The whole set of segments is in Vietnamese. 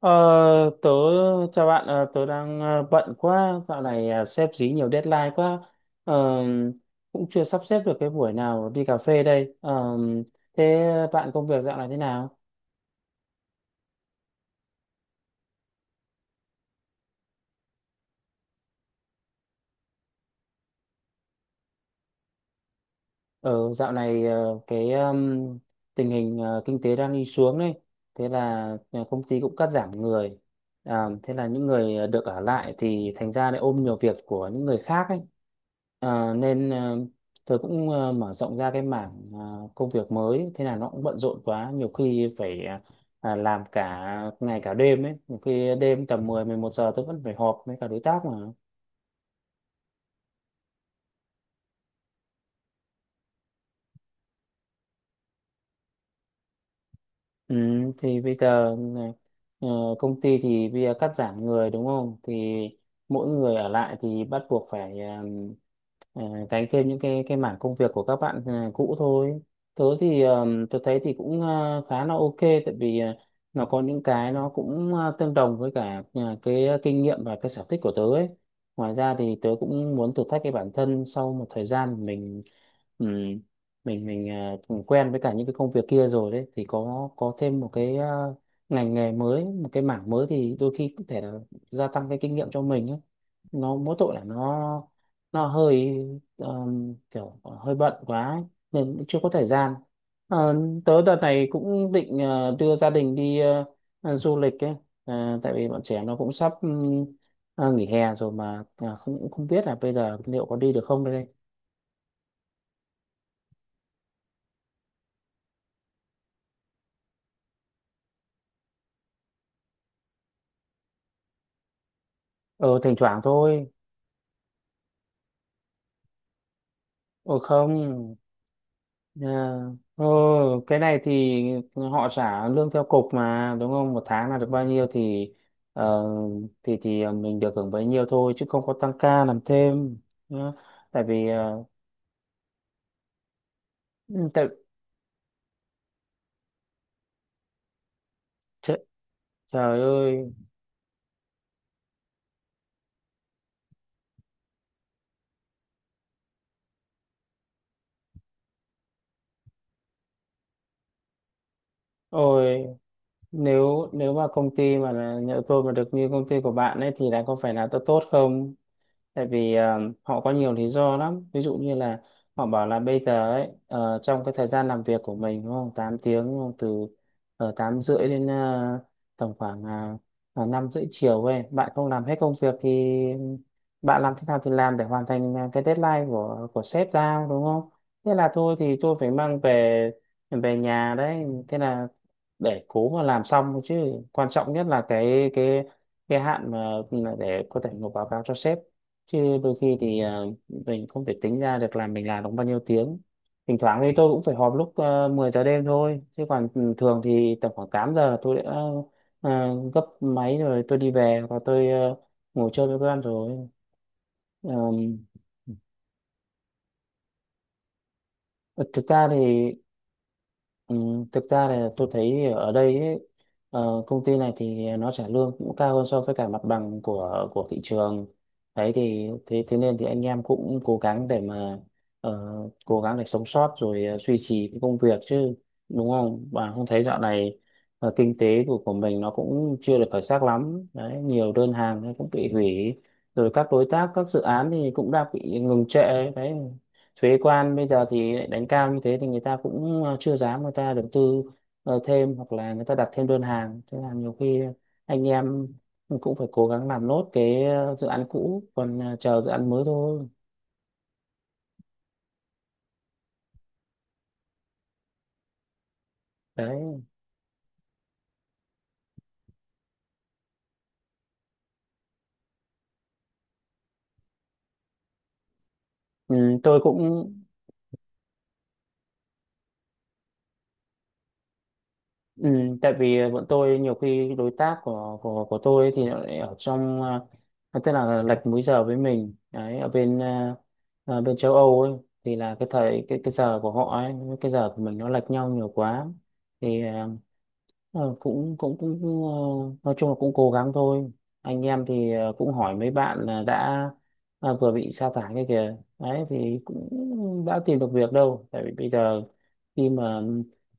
Ờ, tớ chào bạn tớ đang bận quá dạo này sếp dí nhiều deadline quá. Ờ, Cũng chưa sắp xếp được cái buổi nào đi cà phê đây. Ờ, Thế bạn công việc dạo này thế nào? Ờ, Dạo này ờ, cái tình hình kinh tế đang đi xuống đấy, thế là công ty cũng cắt giảm người, thế là những người được ở lại thì thành ra lại ôm nhiều việc của những người khác ấy. Nên tôi cũng mở rộng ra cái mảng công việc mới, thế là nó cũng bận rộn quá, nhiều khi phải làm cả ngày cả đêm ấy, nhiều khi đêm tầm mười mười một giờ tôi vẫn phải họp với cả đối tác mà. Ừ, thì bây giờ này, ờ, công ty thì bây giờ cắt giảm người đúng không? Thì mỗi người ở lại thì bắt buộc phải ờ, gánh thêm những cái mảng công việc của các bạn cũ thôi. Tớ thì tớ thấy thì cũng khá là ok tại vì nó có những cái nó cũng tương đồng với cả cái kinh nghiệm và cái sở thích của tớ ấy. Ngoài ra thì tớ cũng muốn thử thách cái bản thân sau một thời gian mình ừm, mình quen với cả những cái công việc kia rồi đấy thì có thêm một cái ngành nghề mới một cái mảng mới thì đôi khi có thể là gia tăng cái kinh nghiệm cho mình ấy. Nó mỗi tội là nó hơi kiểu hơi bận quá ấy, nên cũng chưa có thời gian. Ờ, Tớ đợt này cũng định đưa gia đình đi du lịch ấy. Tại vì bọn trẻ nó cũng sắp nghỉ hè rồi mà không cũng không biết là bây giờ liệu có đi được không đây. Ờ Thỉnh thoảng thôi. Ờ Không. À, ờ, cái này thì họ trả lương theo cục mà đúng không? Một tháng là được bao nhiêu thì ờ, thì mình được hưởng bấy nhiêu thôi chứ không có tăng ca làm thêm nhá. Tại vì ừ, tại, trời, trời ơi, ôi, nếu nếu mà công ty mà là nhỡ tôi mà được như công ty của bạn ấy thì lại có phải là tốt tốt không? Tại vì họ có nhiều lý do lắm, ví dụ như là họ bảo là bây giờ ấy, trong cái thời gian làm việc của mình đúng không, 8 tiếng, đúng không, từ ở 8 rưỡi đến tầm khoảng 5 rưỡi chiều ấy, bạn không làm hết công việc thì bạn làm thế nào thì làm để hoàn thành cái deadline của sếp giao, đúng không? Thế là thôi thì tôi phải mang về về nhà đấy, thế là để cố mà làm xong thôi, chứ quan trọng nhất là cái hạn mà ừ, mà để có thể nộp báo cáo cho sếp, chứ đôi khi thì mình không thể tính ra được là mình làm được bao nhiêu tiếng. Thỉnh thoảng thì tôi cũng phải họp lúc 10 giờ đêm thôi, chứ còn ừ, thường thì tầm khoảng 8 giờ tôi đã ờ, gấp máy rồi, tôi đi về và tôi ngồi chơi với con rồi. Ờ, thực ra thì ừ, thực ra là tôi thấy ở đây ấy, công ty này thì nó trả lương cũng cao hơn so với cả mặt bằng của thị trường, đấy thì thế thế nên thì anh em cũng cố gắng để mà ờ, cố gắng để sống sót rồi duy trì cái công việc, chứ đúng không, bạn không thấy dạo này kinh tế của mình nó cũng chưa được khởi sắc lắm đấy, nhiều đơn hàng nó cũng bị hủy, rồi các đối tác, các dự án thì cũng đang bị ngừng trệ đấy. Thuế quan bây giờ thì lại đánh cao như thế thì người ta cũng chưa dám, người ta đầu tư thêm hoặc là người ta đặt thêm đơn hàng, thế là nhiều khi anh em cũng phải cố gắng làm nốt cái dự án cũ, còn chờ dự án mới thôi đấy. Ừ, tôi cũng ừ, tại vì bọn tôi nhiều khi đối tác của tôi ấy thì nó lại ở trong, tức là lệch múi giờ với mình đấy, ở bên bên châu Âu ấy, thì là cái thời cái giờ của họ ấy với cái giờ của mình nó lệch nhau nhiều quá thì ờ, Ờ, cũng cũng cũng cũng, ờ, nói chung là cũng cố gắng thôi. Anh em thì cũng hỏi mấy bạn là đã vừa bị sa thải kia kìa đấy, thì cũng đã tìm được việc đâu, tại vì bây giờ khi mà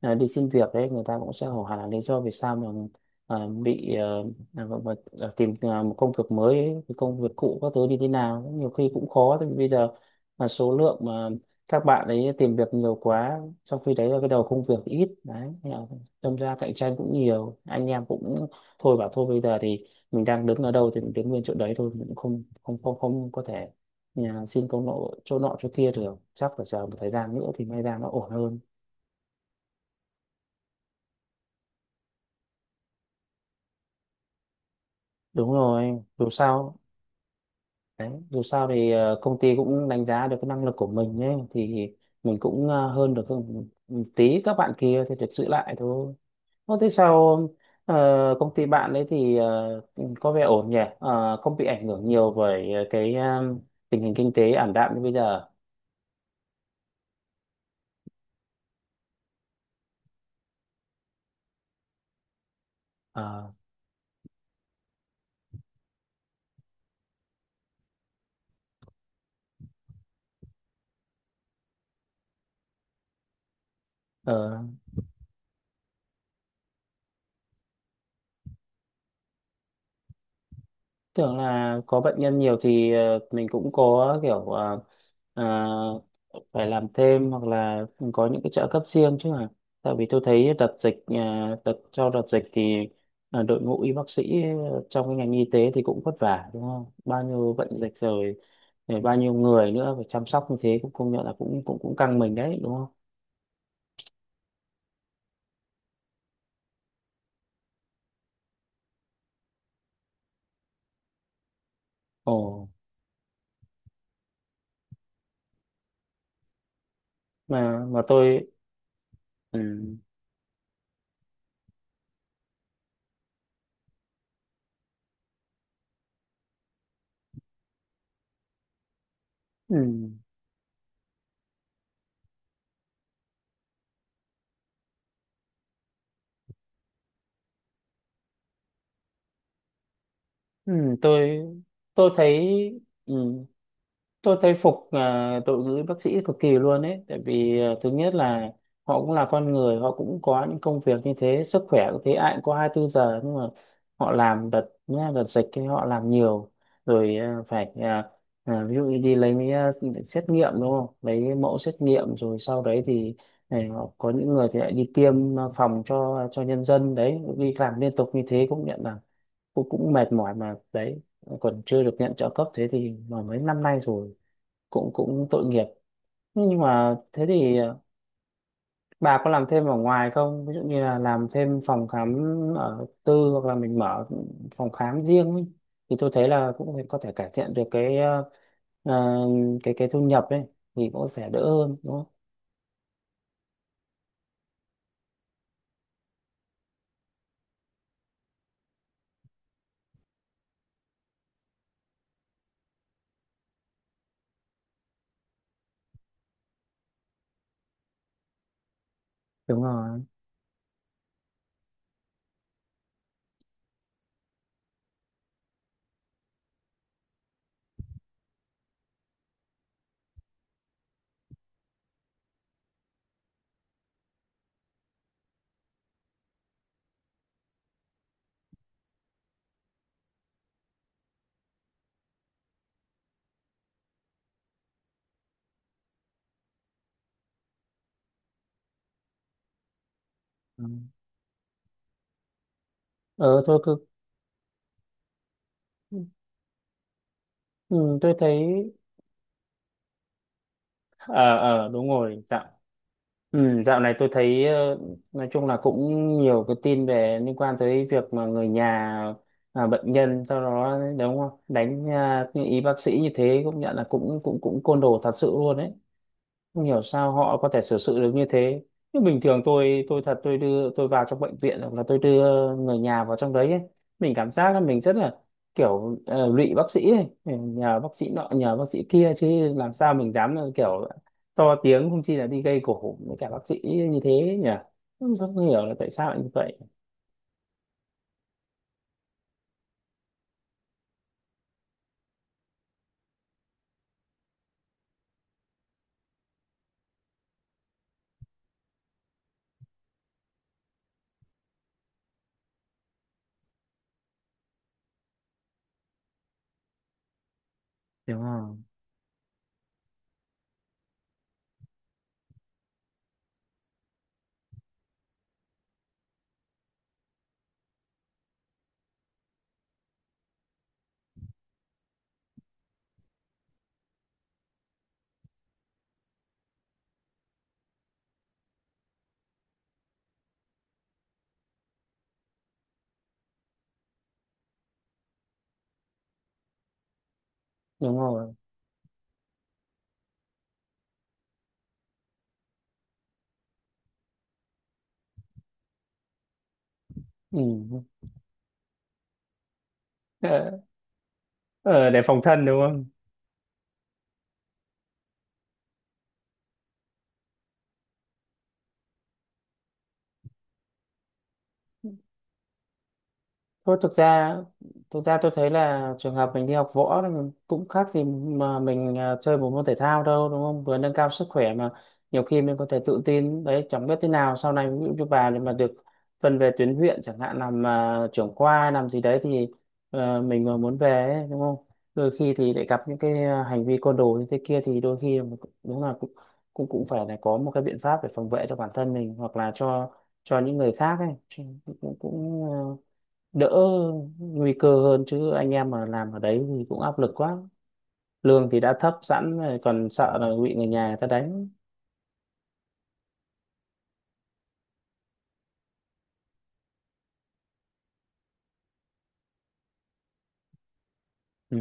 đi xin việc đấy, người ta cũng sẽ hỏi hẳn là lý do vì sao mà bị gọi là tìm một công việc mới ấy, cái công việc cũ các thứ đi thế nào nhiều khi cũng khó, tại vì bây giờ là số lượng mà các bạn ấy tìm việc nhiều quá, trong khi đấy là cái đầu công việc ít đấy, đâm ra cạnh tranh cũng nhiều. Anh em cũng thôi bảo thôi bây giờ thì mình đang đứng ở đâu thì mình đứng nguyên chỗ đấy thôi, mình cũng không không không không có thể nhà xin công nộ chỗ nọ chỗ kia được, chắc phải chờ một thời gian nữa thì may ra nó ổn hơn. Đúng rồi, dù sao đấy, dù sao thì công ty cũng đánh giá được cái năng lực của mình ấy, thì mình cũng hơn được, hơn một tí các bạn kia thì được giữ lại thôi. Ô, thế sao ờ, công ty bạn ấy thì có vẻ ổn nhỉ? Ờ, không bị ảnh hưởng nhiều bởi cái tình hình kinh tế ảm đạm như bây giờ. Ờ, ờ, tưởng là có bệnh nhân nhiều thì mình cũng có kiểu ờ, phải làm thêm hoặc là có những cái trợ cấp riêng chứ, mà tại vì tôi thấy đợt dịch đợt sau đợt dịch thì đội ngũ y bác sĩ trong cái ngành y tế thì cũng vất vả đúng không, bao nhiêu bệnh dịch rồi, rồi bao nhiêu người nữa phải chăm sóc, như thế cũng công nhận là cũng cũng cũng căng mình đấy đúng không. Ồ mà tôi ừ, ừ, ừ, tôi thấy ừ. Tôi thấy phục đội ngũ y bác sĩ cực kỳ luôn ấy, tại vì thứ nhất là họ cũng là con người, họ cũng có những công việc như thế, sức khỏe cũng thế, ai cũng có 24 giờ, nhưng mà họ làm đợt nhá, đợt dịch thì họ làm nhiều, rồi phải ví dụ như đi lấy mấy xét nghiệm đúng không, lấy mẫu xét nghiệm rồi sau đấy thì này, họ có những người thì lại đi tiêm phòng cho nhân dân đấy, đi làm liên tục như thế cũng nhận là cũng cũng mệt mỏi mà đấy, còn chưa được nhận trợ cấp thế thì mà mấy năm nay rồi, cũng cũng tội nghiệp. Nhưng mà thế thì bà có làm thêm ở ngoài không, ví dụ như là làm thêm phòng khám ở tư, hoặc là mình mở phòng khám riêng ấy, thì tôi thấy là cũng có thể cải thiện được cái ờ, cái thu nhập ấy, thì cũng phải đỡ hơn đúng không. Đúng rồi ừ. Ờ tôi cứ ừ, tôi thấy ờ, ờ đúng rồi dạo. Ừ, dạo này tôi thấy nói chung là cũng nhiều cái tin về liên quan tới việc mà người nhà bệnh nhân sau đó đấy, đúng không, đánh như ý bác sĩ như thế cũng nhận là cũng cũng cũng côn đồ thật sự luôn đấy, không hiểu sao họ có thể xử sự được như thế. Nhưng bình thường tôi thật, tôi đưa tôi vào trong bệnh viện hoặc là tôi đưa người nhà vào trong đấy ấy, mình cảm giác là mình rất là kiểu lụy bác sĩ ấy. Nhờ bác sĩ nọ nhờ bác sĩ kia, chứ làm sao mình dám là kiểu to tiếng, không chi là đi gây gổ với cả bác sĩ như thế nhỉ, không, không hiểu là tại sao lại như vậy. Đúng không, đúng rồi ừ. ờ, ờ, để phòng thân đúng không? Thôi, thực ra tôi thấy là trường hợp mình đi học võ thì mình cũng khác gì mà mình chơi một môn thể thao đâu, đúng không? Vừa nâng cao sức khỏe, mà nhiều khi mình có thể tự tin đấy, chẳng biết thế nào sau này, ví dụ như bà thì mà được phân về tuyến huyện chẳng hạn, làm trưởng khoa làm gì đấy thì mình mà muốn về ấy, đúng không? Đôi khi thì lại gặp những cái hành vi côn đồ như thế kia, thì đôi khi mình cũng- đúng là cũng cũng cũng phải là có một cái biện pháp để phòng vệ cho bản thân mình, hoặc là cho những người khác ấy, chứ cũng cũng đỡ nguy cơ hơn, chứ anh em mà làm ở đấy thì cũng áp lực quá, lương thì đã thấp sẵn rồi, còn sợ là bị người nhà người ta đánh. Ừ.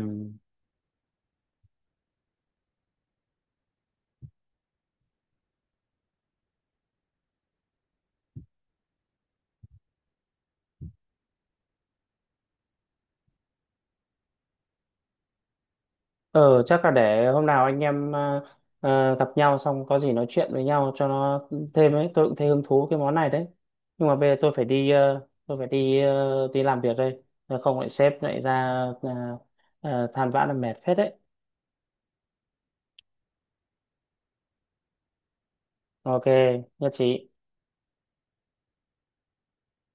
Ờ, chắc là để hôm nào anh em gặp nhau xong có gì nói chuyện với nhau cho nó thêm ấy, tôi cũng thấy hứng thú cái món này đấy. Nhưng mà bây giờ tôi phải đi đi làm việc đây. Nếu không lại sếp lại ra à, than vãn là mệt phết đấy. Ok, nhất trí.